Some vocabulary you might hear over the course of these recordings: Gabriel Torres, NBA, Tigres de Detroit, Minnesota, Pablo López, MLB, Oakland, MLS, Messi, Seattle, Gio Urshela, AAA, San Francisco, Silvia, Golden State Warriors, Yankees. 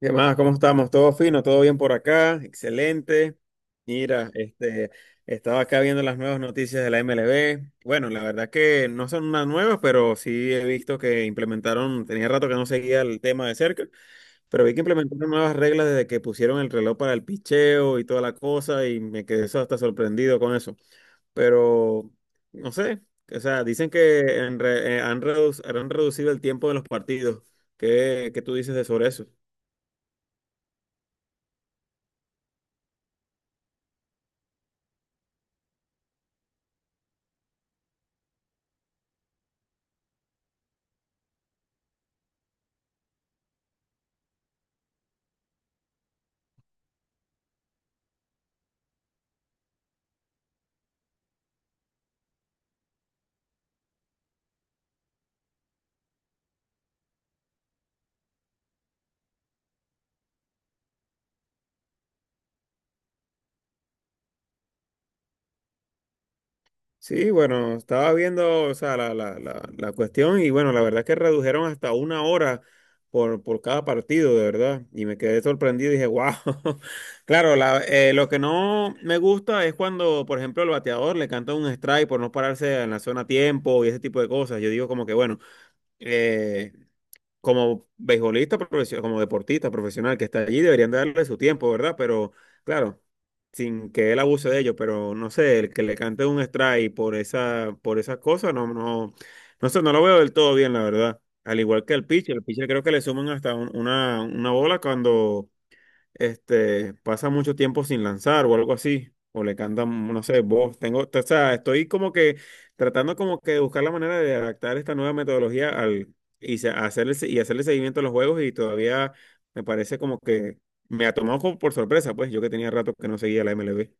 ¿Qué más? ¿Cómo estamos? ¿Todo fino? ¿Todo bien por acá? Excelente. Mira, este, estaba acá viendo las nuevas noticias de la MLB. Bueno, la verdad que no son unas nuevas, pero sí he visto que implementaron, tenía rato que no seguía el tema de cerca, pero vi que implementaron nuevas reglas desde que pusieron el reloj para el picheo y toda la cosa, y me quedé hasta sorprendido con eso. Pero, no sé, o sea, dicen que en re- han, reduc- han reducido el tiempo de los partidos. ¿Qué tú dices de sobre eso? Sí, bueno, estaba viendo, o sea, la cuestión y bueno, la verdad es que redujeron hasta una hora por cada partido, de verdad. Y me quedé sorprendido y dije, wow. Claro, lo que no me gusta es cuando, por ejemplo, el bateador le canta un strike por no pararse en la zona a tiempo y ese tipo de cosas. Yo digo como que, bueno, eh, como beisbolista, como deportista profesional que está allí, deberían darle su tiempo, ¿verdad? Pero claro, sin que él abuse de ello, pero no sé, el que le cante un strike por esas cosas, no, no, no sé, no lo veo del todo bien, la verdad. Al igual que el pitcher creo que le suman hasta una bola cuando este, pasa mucho tiempo sin lanzar o algo así, o le cantan, no sé, voz. Tengo, o sea, estoy como que tratando como que de buscar la manera de adaptar esta nueva metodología al, y hacerle seguimiento a los juegos y todavía me parece como que me ha tomado como por sorpresa, pues yo que tenía rato que no seguía la MLB.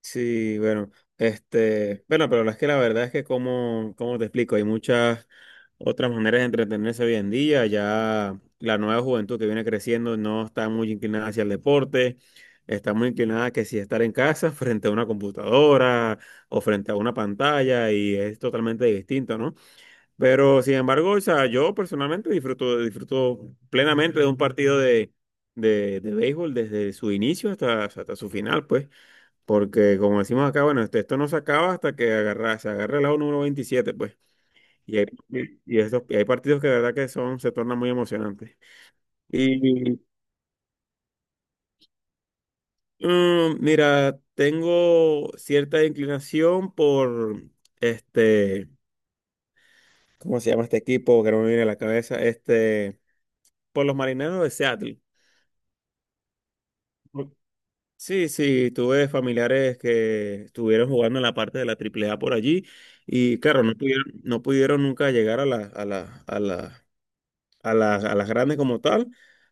Sí, bueno, este, bueno, pero es que la verdad es que como te explico, hay muchas otras maneras de entretenerse hoy en día, ya la nueva juventud que viene creciendo no está muy inclinada hacia el deporte, está muy inclinada que si estar en casa frente a una computadora o frente a una pantalla y es totalmente distinto, ¿no? Pero sin embargo, o sea, yo personalmente disfruto plenamente de un partido de, béisbol desde su inicio hasta su final, pues. Porque como decimos acá, bueno, esto no se acaba hasta que se agarre el lado número 27, pues. Y hay, y hay partidos que de verdad que son, se tornan muy emocionantes. Y mira, tengo cierta inclinación por este, ¿cómo se llama este equipo? Que no me viene a la cabeza, este, por los Marineros de Seattle. Por- Sí, sí, tuve familiares que estuvieron jugando en la parte de la AAA por allí y claro, no pudieron nunca llegar a la, a la, a la a las grandes como tal,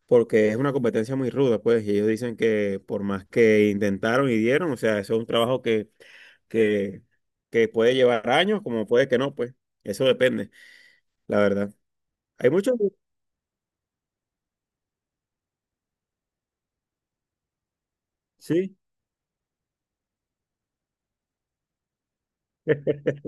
porque es una competencia muy ruda, pues, y ellos dicen que por más que intentaron y dieron, o sea, eso es un trabajo que, que puede llevar años, como puede que no, pues, eso depende, la verdad. Hay muchos, sí.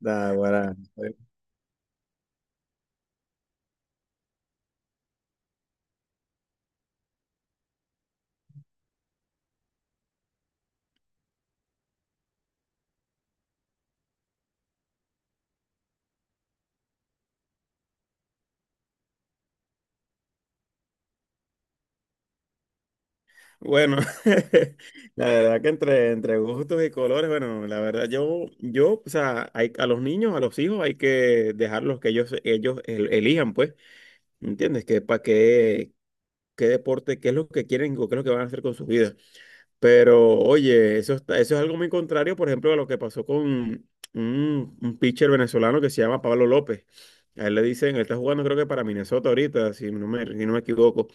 Naguará. Bueno, la verdad que entre gustos y colores, bueno, la verdad o sea, hay, a los niños, a los hijos hay que dejarlos que ellos elijan, pues, ¿entiendes? Qué deporte, qué es lo que quieren o qué es lo que van a hacer con sus vidas. Pero oye, eso está, eso es algo muy contrario, por ejemplo, a lo que pasó con un pitcher venezolano que se llama Pablo López. A él le dicen, él está jugando creo que para Minnesota ahorita, si no me equivoco.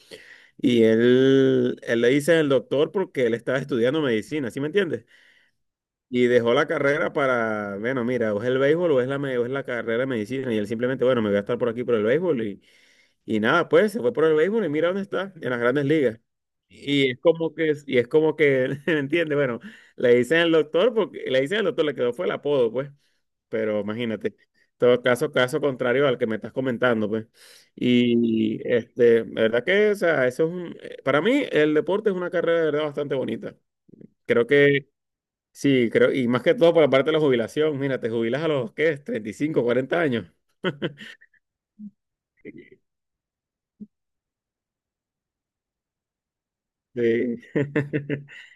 Y él le dice el doctor porque él estaba estudiando medicina, ¿sí me entiendes? Y dejó la carrera para, bueno, mira, o es el béisbol o es o es la carrera de medicina. Y él simplemente, bueno, me voy a estar por aquí por el béisbol y nada, pues se fue por el béisbol y mira dónde está, en las grandes ligas. ¿Me entiendes? Bueno, le dicen al doctor, porque le dicen al doctor, le quedó fue el apodo, pues. Pero imagínate, todo caso, caso contrario al que me estás comentando, pues. Y este, la verdad que, o sea, eso es un, para mí el deporte es una carrera de verdad bastante bonita. Creo que, sí, creo, y más que todo por la parte de la jubilación, mira, te jubilas a los, ¿qué? Es 35, 40 años. Sí.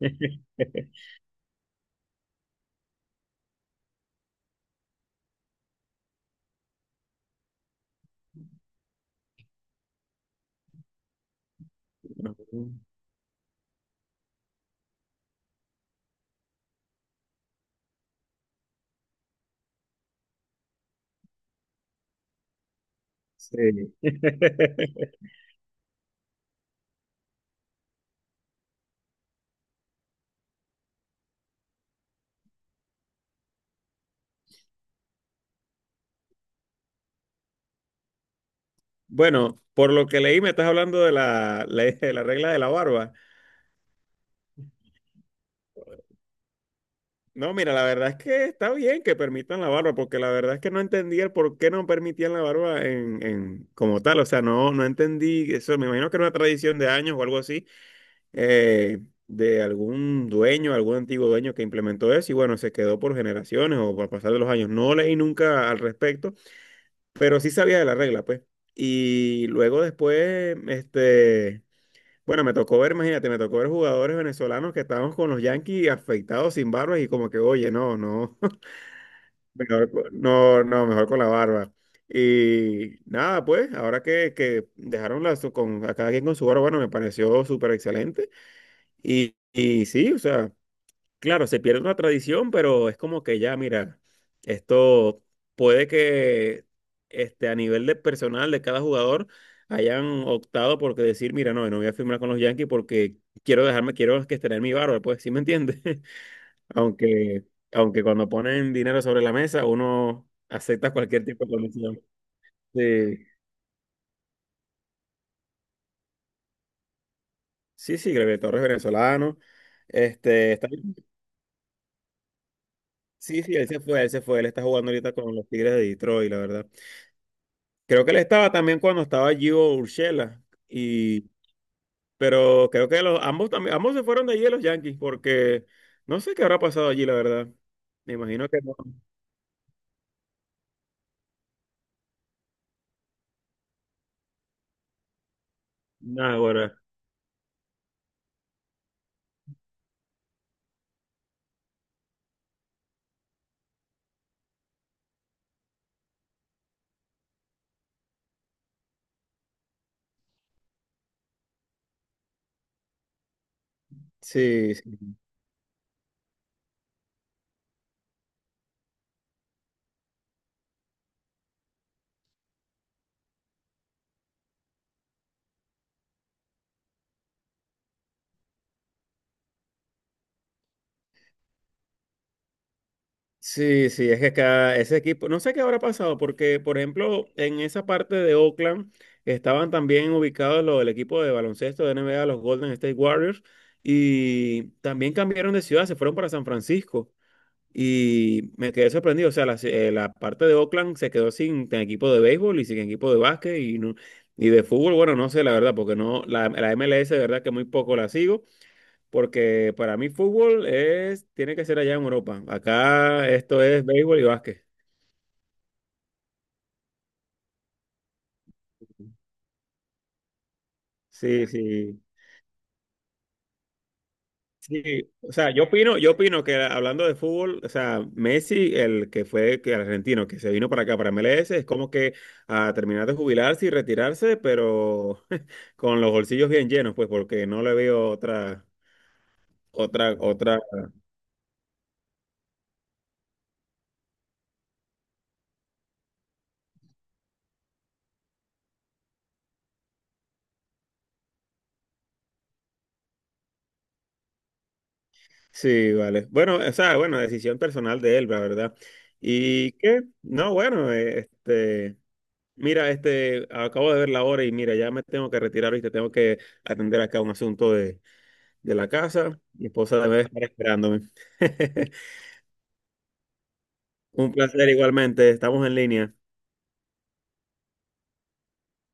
No, sí. Bueno, por lo que leí, me estás hablando de de la regla de la barba. No, mira, la verdad es que está bien que permitan la barba, porque la verdad es que no entendía el por qué no permitían la barba como tal. O sea, no, no entendí eso. Me imagino que era una tradición de años o algo así, eh, de algún dueño, algún antiguo dueño que implementó eso y bueno, se quedó por generaciones o por pasar de los años. No leí nunca al respecto, pero sí sabía de la regla, pues. Y luego después, este, bueno, me tocó ver, imagínate, me tocó ver jugadores venezolanos que estábamos con los Yankees afeitados sin barbas y como que, oye, no, no, mejor, no, no, mejor con la barba. Y nada, pues, ahora que dejaron con, a cada quien con su barba, bueno, me pareció súper excelente. Y sí, o sea. Claro, se pierde una tradición, pero es como que ya, mira, esto puede que este, a nivel de personal de cada jugador hayan optado por que decir, mira, no, no voy a firmar con los Yankees porque quiero dejarme, quiero que tener mi barba, pues, ¿sí me entiendes? Aunque, aunque cuando ponen dinero sobre la mesa, uno acepta cualquier tipo de condición. Sí, sí, sí, Gabriel Torres venezolano. Este, sí, sí, él se fue, él está jugando ahorita con los Tigres de Detroit, la verdad. Creo que él estaba también cuando estaba Gio Urshela y pero creo que los ambos también ambos se fueron de allí los Yankees porque no sé qué habrá pasado allí, la verdad. Me imagino que no. Nada, ahora. Sí, sí. Sí, sí, es que cada, ese equipo, no sé qué habrá pasado, porque, por ejemplo, en esa parte de Oakland estaban también ubicados los del equipo de baloncesto de NBA, los Golden State Warriors, y también cambiaron de ciudad, se fueron para San Francisco. Y me quedé sorprendido. O sea, la parte de Oakland se quedó sin equipo de béisbol y sin equipo de básquet y, y de fútbol. Bueno, no sé, la verdad, porque no, la MLS, de verdad que muy poco la sigo, porque para mí fútbol es, tiene que ser allá en Europa. Acá esto es béisbol y básquet. Sí, sí. Sí, o sea, yo opino que hablando de fútbol, o sea, Messi, el que fue que el argentino, que se vino para acá, para MLS, es como que a terminar de jubilarse y retirarse, pero con los bolsillos bien llenos, pues, porque no le veo otra. Sí, vale. Bueno, o sea, bueno, decisión personal de él, la verdad. ¿Y qué? No, bueno, este, mira, este, acabo de ver la hora y mira, ya me tengo que retirar, ¿viste? Tengo que atender acá un asunto de la casa. Mi esposa debe estar esperándome. Un placer igualmente. Estamos en línea.